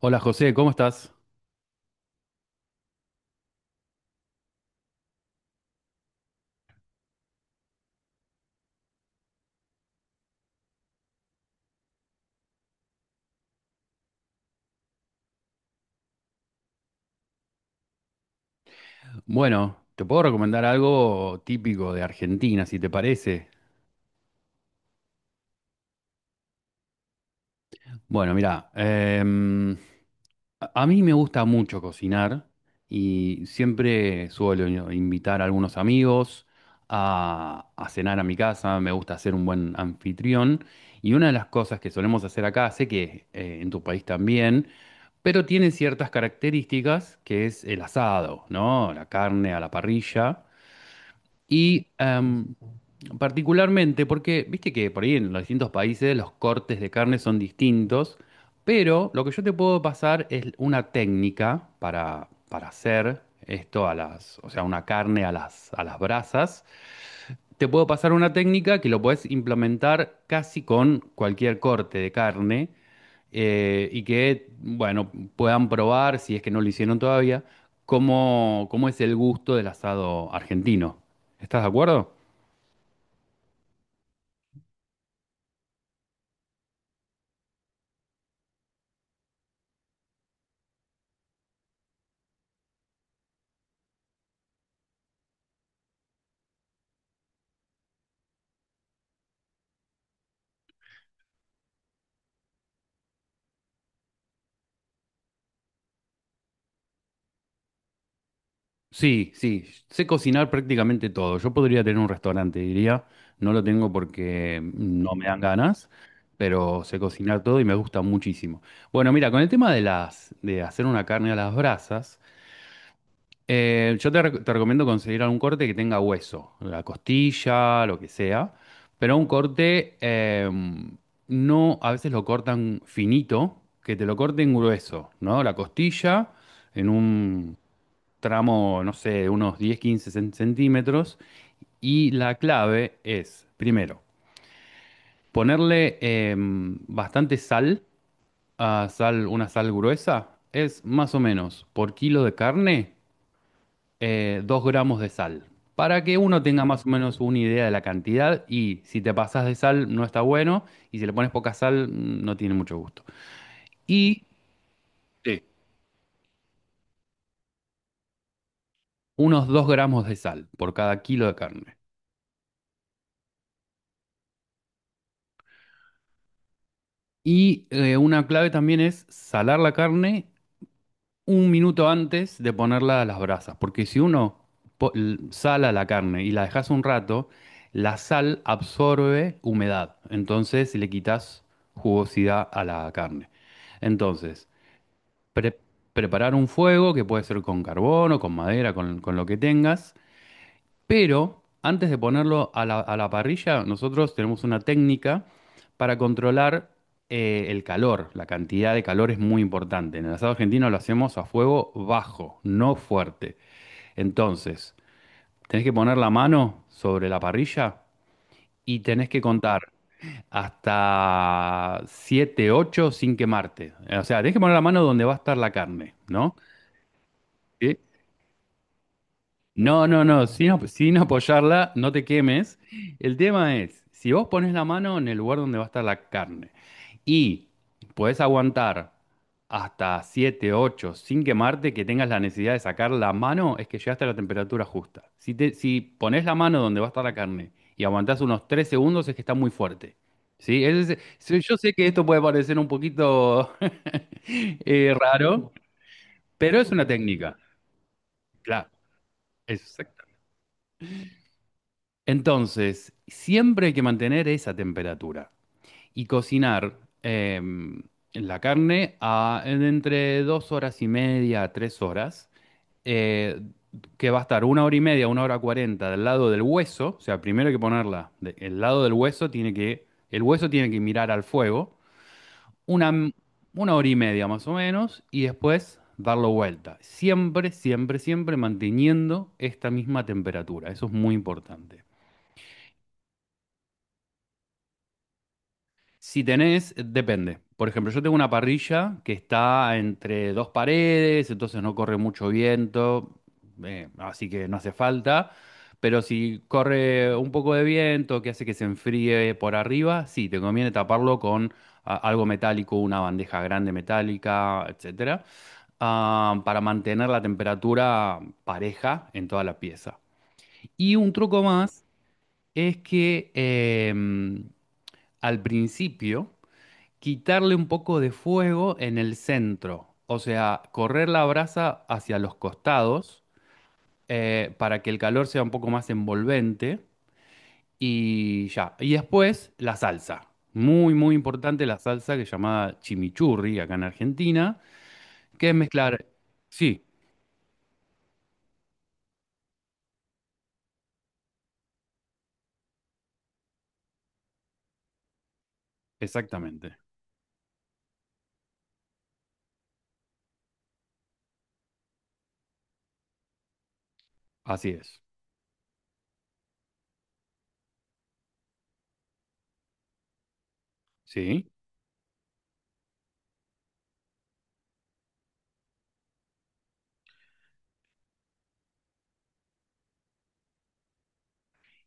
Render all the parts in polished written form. Hola José, ¿cómo estás? Bueno, te puedo recomendar algo típico de Argentina, si te parece. Bueno, mira, a mí me gusta mucho cocinar y siempre suelo invitar a algunos amigos a cenar a mi casa, me gusta ser un buen anfitrión y una de las cosas que solemos hacer acá, sé que en tu país también, pero tiene ciertas características que es el asado, ¿no? La carne a la parrilla. Y particularmente porque, viste que por ahí en los distintos países los cortes de carne son distintos, pero lo que yo te puedo pasar es una técnica para hacer esto o sea, una carne a las brasas te puedo pasar una técnica que lo puedes implementar casi con cualquier corte de carne y que, bueno, puedan probar, si es que no lo hicieron todavía, cómo es el gusto del asado argentino. ¿Estás de acuerdo? Sí, sí, sé cocinar prácticamente todo. Yo podría tener un restaurante, diría. No lo tengo porque no me dan ganas, pero sé cocinar todo y me gusta muchísimo. Bueno, mira, con el tema de hacer una carne a las brasas. Te recomiendo conseguir algún corte que tenga hueso, la costilla, lo que sea, pero un corte no, a veces lo cortan finito, que te lo corten grueso, ¿no? La costilla en un tramo, no sé, de unos 10, 15 centímetros. Y la clave es, primero, ponerle bastante sal, una sal gruesa, es más o menos por kilo de carne 2 gramos de sal. Para que uno tenga más o menos una idea de la cantidad y si te pasas de sal no está bueno y si le pones poca sal no tiene mucho gusto. Y Sí. Unos 2 gramos de sal por cada kilo de carne. Y una clave también es salar la carne un minuto antes de ponerla a las brasas, porque si uno sala la carne y la dejas un rato, la sal absorbe humedad, entonces le quitas jugosidad a la carne. Entonces, pre- preparar un fuego que puede ser con carbón o con madera, con lo que tengas, pero antes de ponerlo a la parrilla, nosotros tenemos una técnica para controlar el calor. La cantidad de calor es muy importante. En el asado argentino lo hacemos a fuego bajo, no fuerte. Entonces, tenés que poner la mano sobre la parrilla y tenés que contar hasta 7, 8 sin quemarte. O sea, tenés que poner la mano donde va a estar la carne, ¿no? ¿Sí? No, no, no, sin apoyarla, no te quemes. El tema es, si vos pones la mano en el lugar donde va a estar la carne y podés aguantar hasta 7, 8 sin quemarte, que tengas la necesidad de sacar la mano, es que llegaste a la temperatura justa. Si pones la mano donde va a estar la carne y aguantás unos 3 segundos, es que está muy fuerte. ¿Sí? Sí, yo sé que esto puede parecer un poquito raro, pero es una técnica. Claro. Entonces, siempre hay que mantener esa temperatura y cocinar la carne a, en entre 2 horas y media a 3 horas, eh, que va a estar una hora y media, una hora cuarenta del lado del hueso. O sea, primero hay que ponerla el lado del hueso tiene que, el hueso tiene que mirar al fuego una m- una hora y media más o menos y después darlo vuelta. Siempre, siempre, siempre manteniendo esta misma temperatura. Eso es muy importante. Si tenés, depende. Por ejemplo, yo tengo una parrilla que está entre dos paredes, entonces no corre mucho viento, así que no hace falta. Pero si corre un poco de viento que hace que se enfríe por arriba, sí, te conviene taparlo con algo metálico, una bandeja grande metálica, etcétera, para mantener la temperatura pareja en toda la pieza. Y un truco más es que al principio quitarle un poco de fuego en el centro, o sea, correr la brasa hacia los costados para que el calor sea un poco más envolvente y ya. Y después la salsa. Muy, muy importante la salsa que es llamada chimichurri acá en Argentina, que es mezclar. Sí, exactamente. Así es. Sí.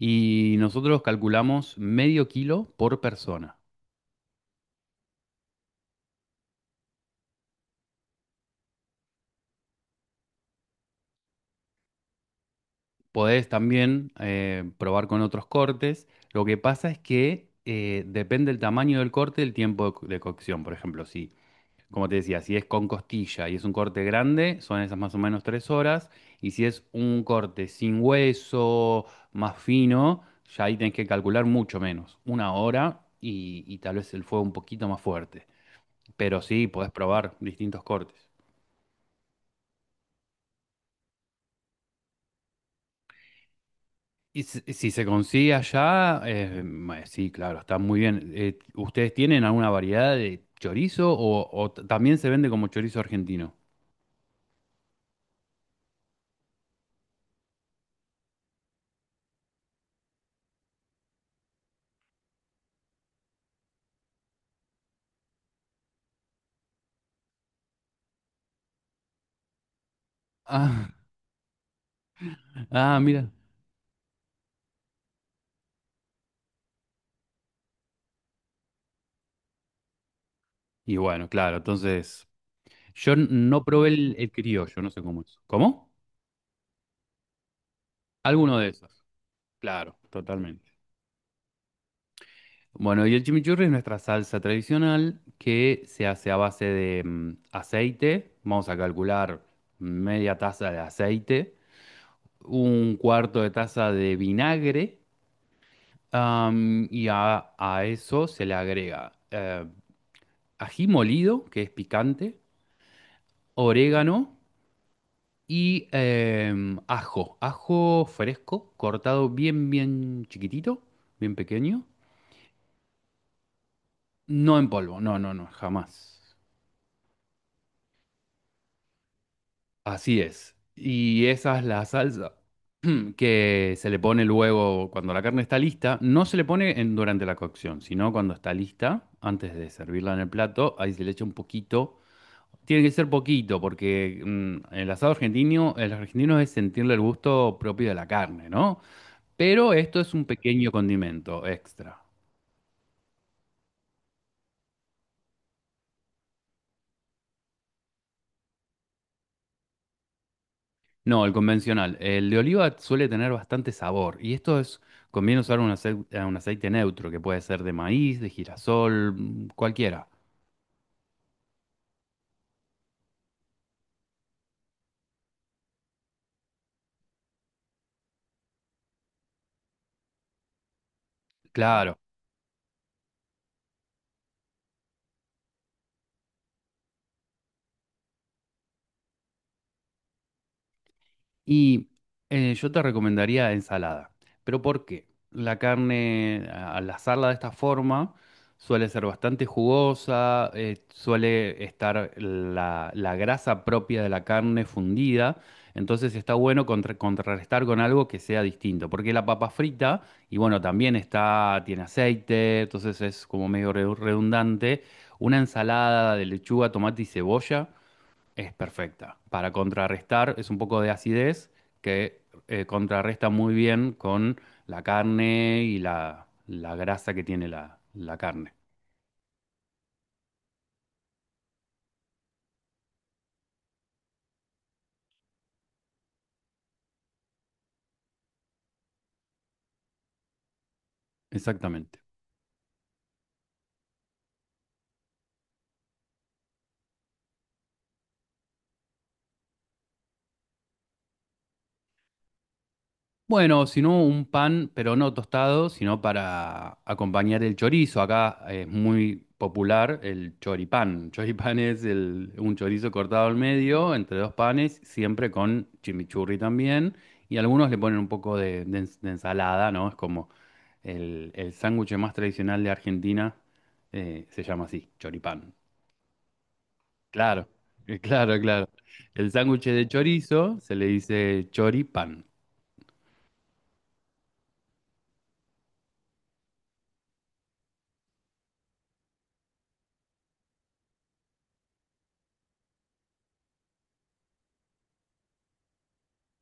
Y nosotros calculamos medio kilo por persona. Podés también probar con otros cortes. Lo que pasa es que depende del tamaño del corte, el tiempo de cocción. Por ejemplo, si, como te decía, si es con costilla y es un corte grande, son esas más o menos 3 horas. Y si es un corte sin hueso, más fino, ya ahí tenés que calcular mucho menos, una hora y tal vez el fuego un poquito más fuerte. Pero sí, podés probar distintos cortes. Y si se consigue allá, sí, claro, está muy bien. ¿Ustedes tienen alguna variedad de chorizo también se vende como chorizo argentino? Ah, ah, mira. Y bueno, claro, entonces yo no probé el criollo, no sé cómo es. ¿Cómo? Alguno de esos. Claro, totalmente. Bueno, y el chimichurri es nuestra salsa tradicional que se hace a base de aceite. Vamos a calcular media taza de aceite, un cuarto de taza de vinagre, y a eso se le agrega ají molido, que es picante, orégano y ajo, fresco, cortado bien, bien chiquitito, bien pequeño, no en polvo, no, no, no, jamás. Así es. Y esa es la salsa que se le pone luego cuando la carne está lista. No se le pone durante la cocción, sino cuando está lista, antes de servirla en el plato, ahí se le echa un poquito. Tiene que ser poquito, porque el asado argentino, el argentino es sentirle el gusto propio de la carne, ¿no? Pero esto es un pequeño condimento extra. No, el convencional. El de oliva suele tener bastante sabor y esto es, conviene usar un aceite neutro, que puede ser de maíz, de girasol, cualquiera. Claro. Y yo te recomendaría ensalada. ¿Pero por qué? La carne, al asarla de esta forma, suele ser bastante jugosa, suele estar la grasa propia de la carne fundida. Entonces está bueno contrarrestar con algo que sea distinto. Porque la papa frita, y bueno, también está, tiene aceite, entonces es como medio redundante. Una ensalada de lechuga, tomate y cebolla. Es perfecta. Para contrarrestar, es un poco de acidez que contrarresta muy bien con la carne y la grasa que tiene la carne. Exactamente. Bueno, si no, un pan, pero no tostado, sino para acompañar el chorizo. Acá es muy popular el choripán. Choripán es un chorizo cortado al medio, entre dos panes, siempre con chimichurri también. Y algunos le ponen un poco de ensalada, ¿no? Es como el sándwich más tradicional de Argentina, se llama así, choripán. Claro, claro, claro. El sándwich de chorizo se le dice choripán.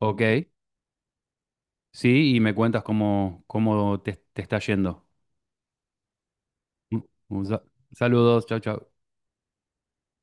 Ok, sí, y me cuentas cómo te está yendo. Un- un sa- Saludos, chao, chao.